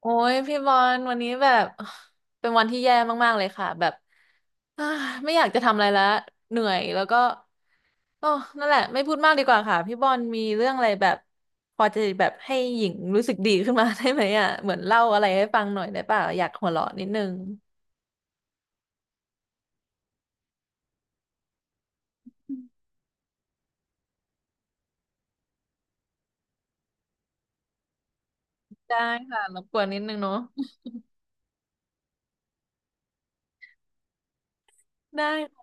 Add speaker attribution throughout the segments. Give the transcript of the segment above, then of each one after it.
Speaker 1: โอ้ยพี่บอลวันนี้แบบ เป็นวันที่แย่มากๆเลยค่ะแบบ อ่าไม่อยากจะทำอะไรแล้วเหนื่อยแล้วก็โอ้นั่นแหละไม่พูดมากดีกว่าค่ะพี่บอลมีเรื่องอะไรแบบพอจะแบบให้หญิงรู้สึกดีขึ้นมา ได้ไหมอ่ะเหมือนเล่าอะไรให้ฟังหน่อยได้ป่ะอยากหัวเราะนิดนึงได้ค่ะรบกวนนิดนึงเนาะ ได้ค่ะ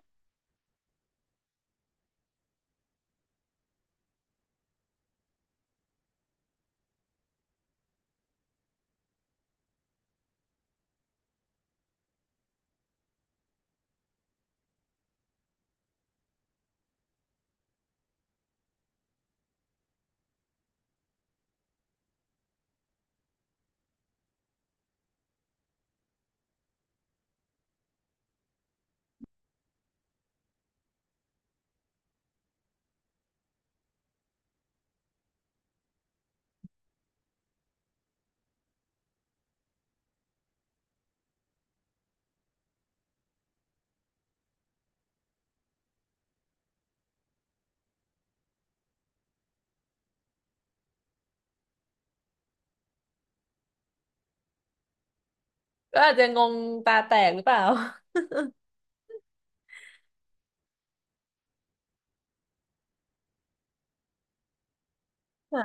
Speaker 1: ก็อาจจะงงตาแตกหรือเปล่าค่ะ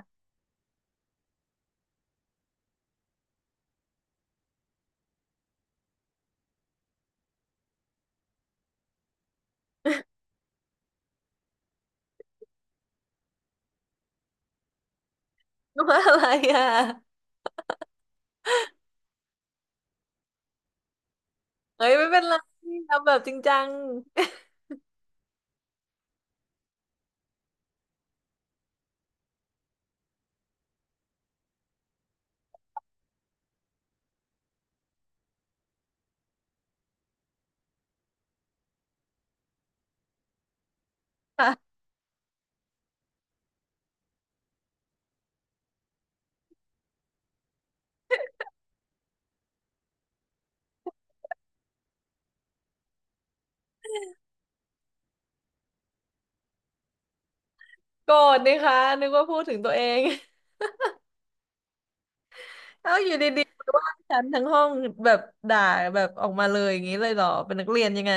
Speaker 1: ว่าอะไรอ่ะเฮ้ยไม่เป็นไรทำแบบจริงจัง โกรธนะคะนึกว่าพูดถึงตัวเอง ฉันทั้งห้องแบบด่าแบบออกมาเลยอย่างนี้เลยเหรอเป็นนักเรียนยังไง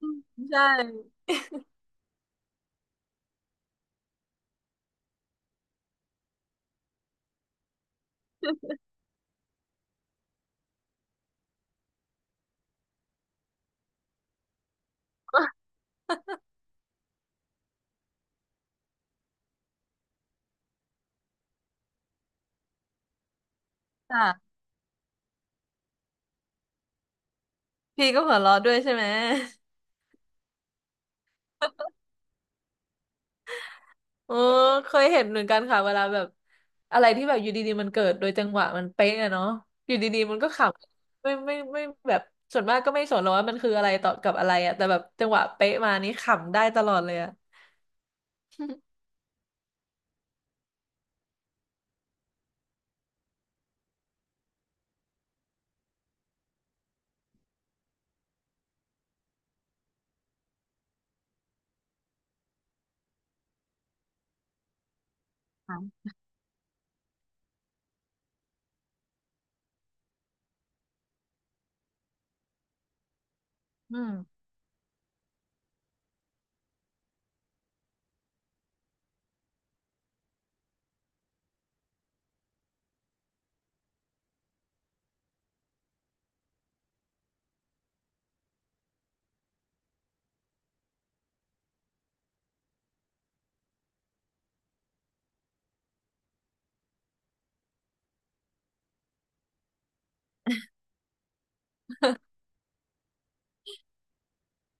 Speaker 1: อืมใช่ค่ะพี่ก็หัวเราะด้วยใช่ไหมโอ้ เคยเห็นเหมือนกันค่ะเวลาแบบอะไรที่แบบอยู่ดีๆมันเกิดโดยจังหวะมันเป๊ะอะเนาะอยู่ดีๆมันก็ขำไม่แบบส่วนมากก็ไม่สนหรอกว่ามันคืออะไรต่อกับอะไรอะแต่แบบจังหวะเป๊ะมานี่ขำได้ตลอดเลยอะอืม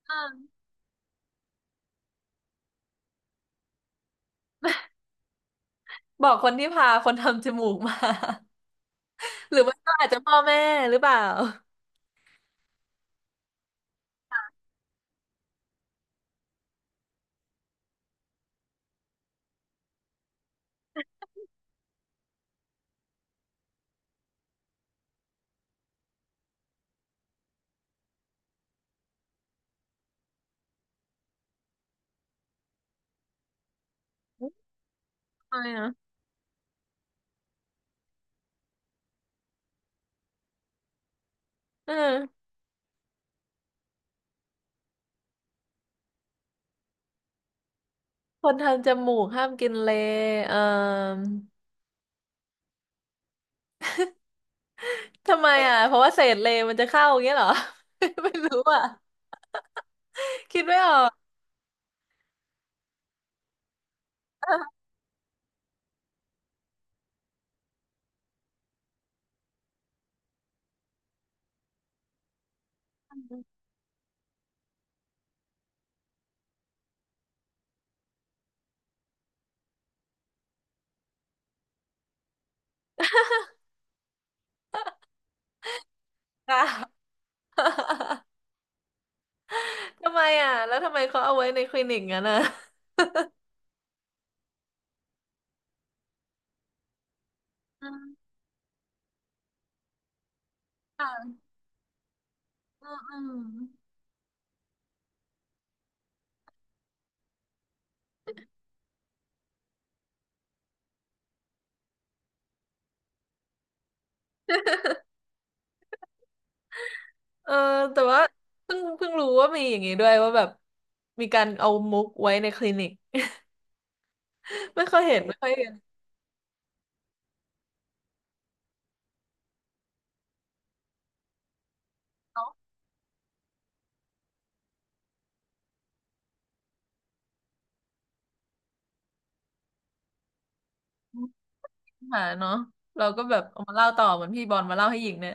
Speaker 1: อ่าบอกคนที่พาคนทำจมูกมา หรือว่าก็อาจจะพ่อแม่หรือเปล่าใช่นะเออ คนทำจมูกห้ามกินเลย์เอ่อทำไมอ่ะเพราะว่าเศษเลย์มันจะเข้าอย่างเงี้ยเหรอ ไม่รู้อ่ะคิดไม่ออกอ่ะ ทำไมอ่ะแล้วทำไมเขาเอาไว้ในคลินิกงั้นอ่ะอืมค่ะอืมอืมเออแต่ว่าเพิ่งเพิ่งรู้ว่ามีอย่างนี้ด้วยว่าแบบมีการเอามุกไว้ในคลินิก ไม่ค่อยเห็นไม่ค่อยเห็นเขาหาเนาะเราก็แบบเอามาเล่าต่อเหมือนพี่บอลมาเล่าให้หญิงเนี่ย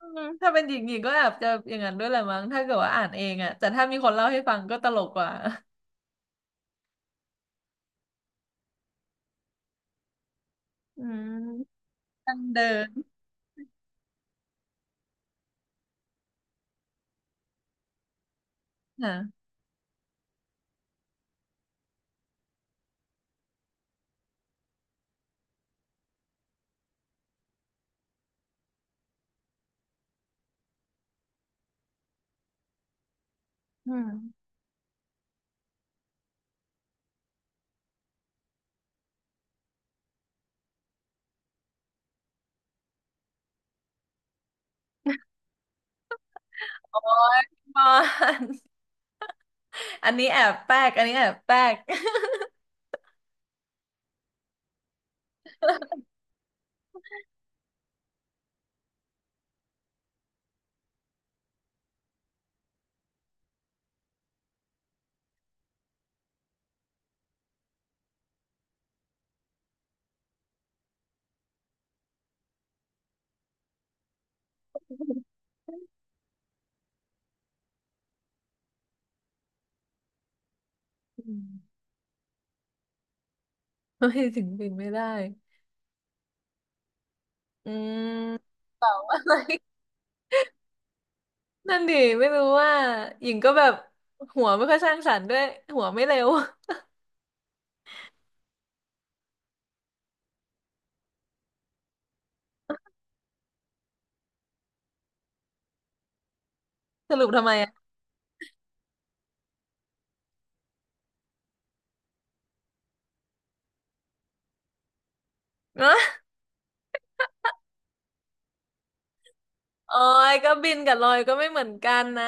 Speaker 1: อืมถ้าเป็นหญิงหญิงก็แอบจะอย่างนั้นด้วยแหละมั้งถ้าเกิดว่าอ่านเองอ่ะแต่ถ้ามีคนเล่าให้ฟังก็ตลกกว่าอืมทางเดินนะอืมโอ้ยบอลอันนี้แอบแป๊กอันนี้แอบแป๊กอืมไม่ถึงปินไม่ได้อืม อะไรนั่นดิไม่รู้ว่าหญิงก็แบบหัวไม่ค่อยสร้างสรรค์ด้วยหัวไม่เร็ว สรุปทำไมอ่ะ เนอะโอ้ยก็บินกับลอยก็ไม่เหมือนกันนะ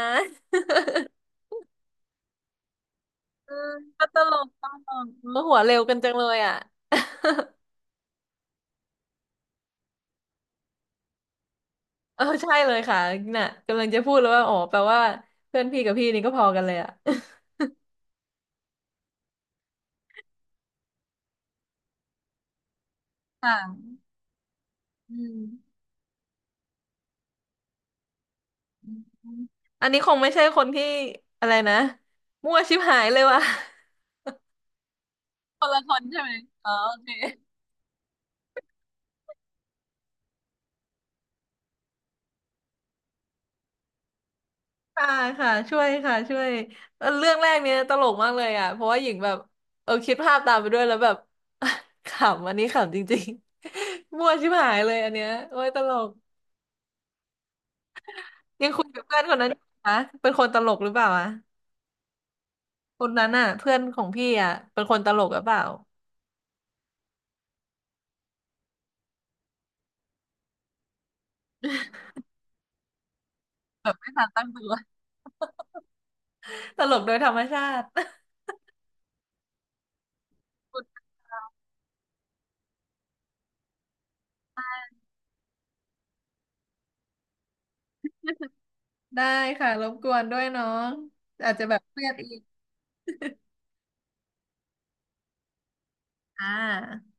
Speaker 1: อืมก็ตลกตลกเออหัวเร็วกันจังเลยอ่ะเออใช่เลยค่ะน่ะกำลังจะพูดเลยว่าอ๋อแปลว่าเพื่อนพี่กับพี่นี่ก็พอกันเลยอ่ะค่ะอืมอืมอันนี้คงไม่ใช่คนที่อะไรนะมั่วชิบหายเลยว่ะคนละคนใช่ไหมอ๋อโอเคค่ะค่ะช่วยค่ะช่วยเออเรื่องแรกเนี้ยตลกมากเลยอ่ะเพราะว่าหญิงแบบเออคิดภาพตามไปด้วยแล้วแบบ ขำอันนี้ขำจริงๆ มั่วชิบหายเลยอันเนี้ยโอ้ยตลก ยังคุยกับเพื่อนคนนั้นอยู่นะเป็นคนตลกหรือเปล่าอะคนนั้นอ่ะเพื่อนของพี่อ่ะ เป็นคนตลกหรือเปล่าตั้งตัว ตลกโดยธรรมชาติ ได้ค่ะรบกวนด้วยน้องอาจจะแบบเครียดอีกอ่า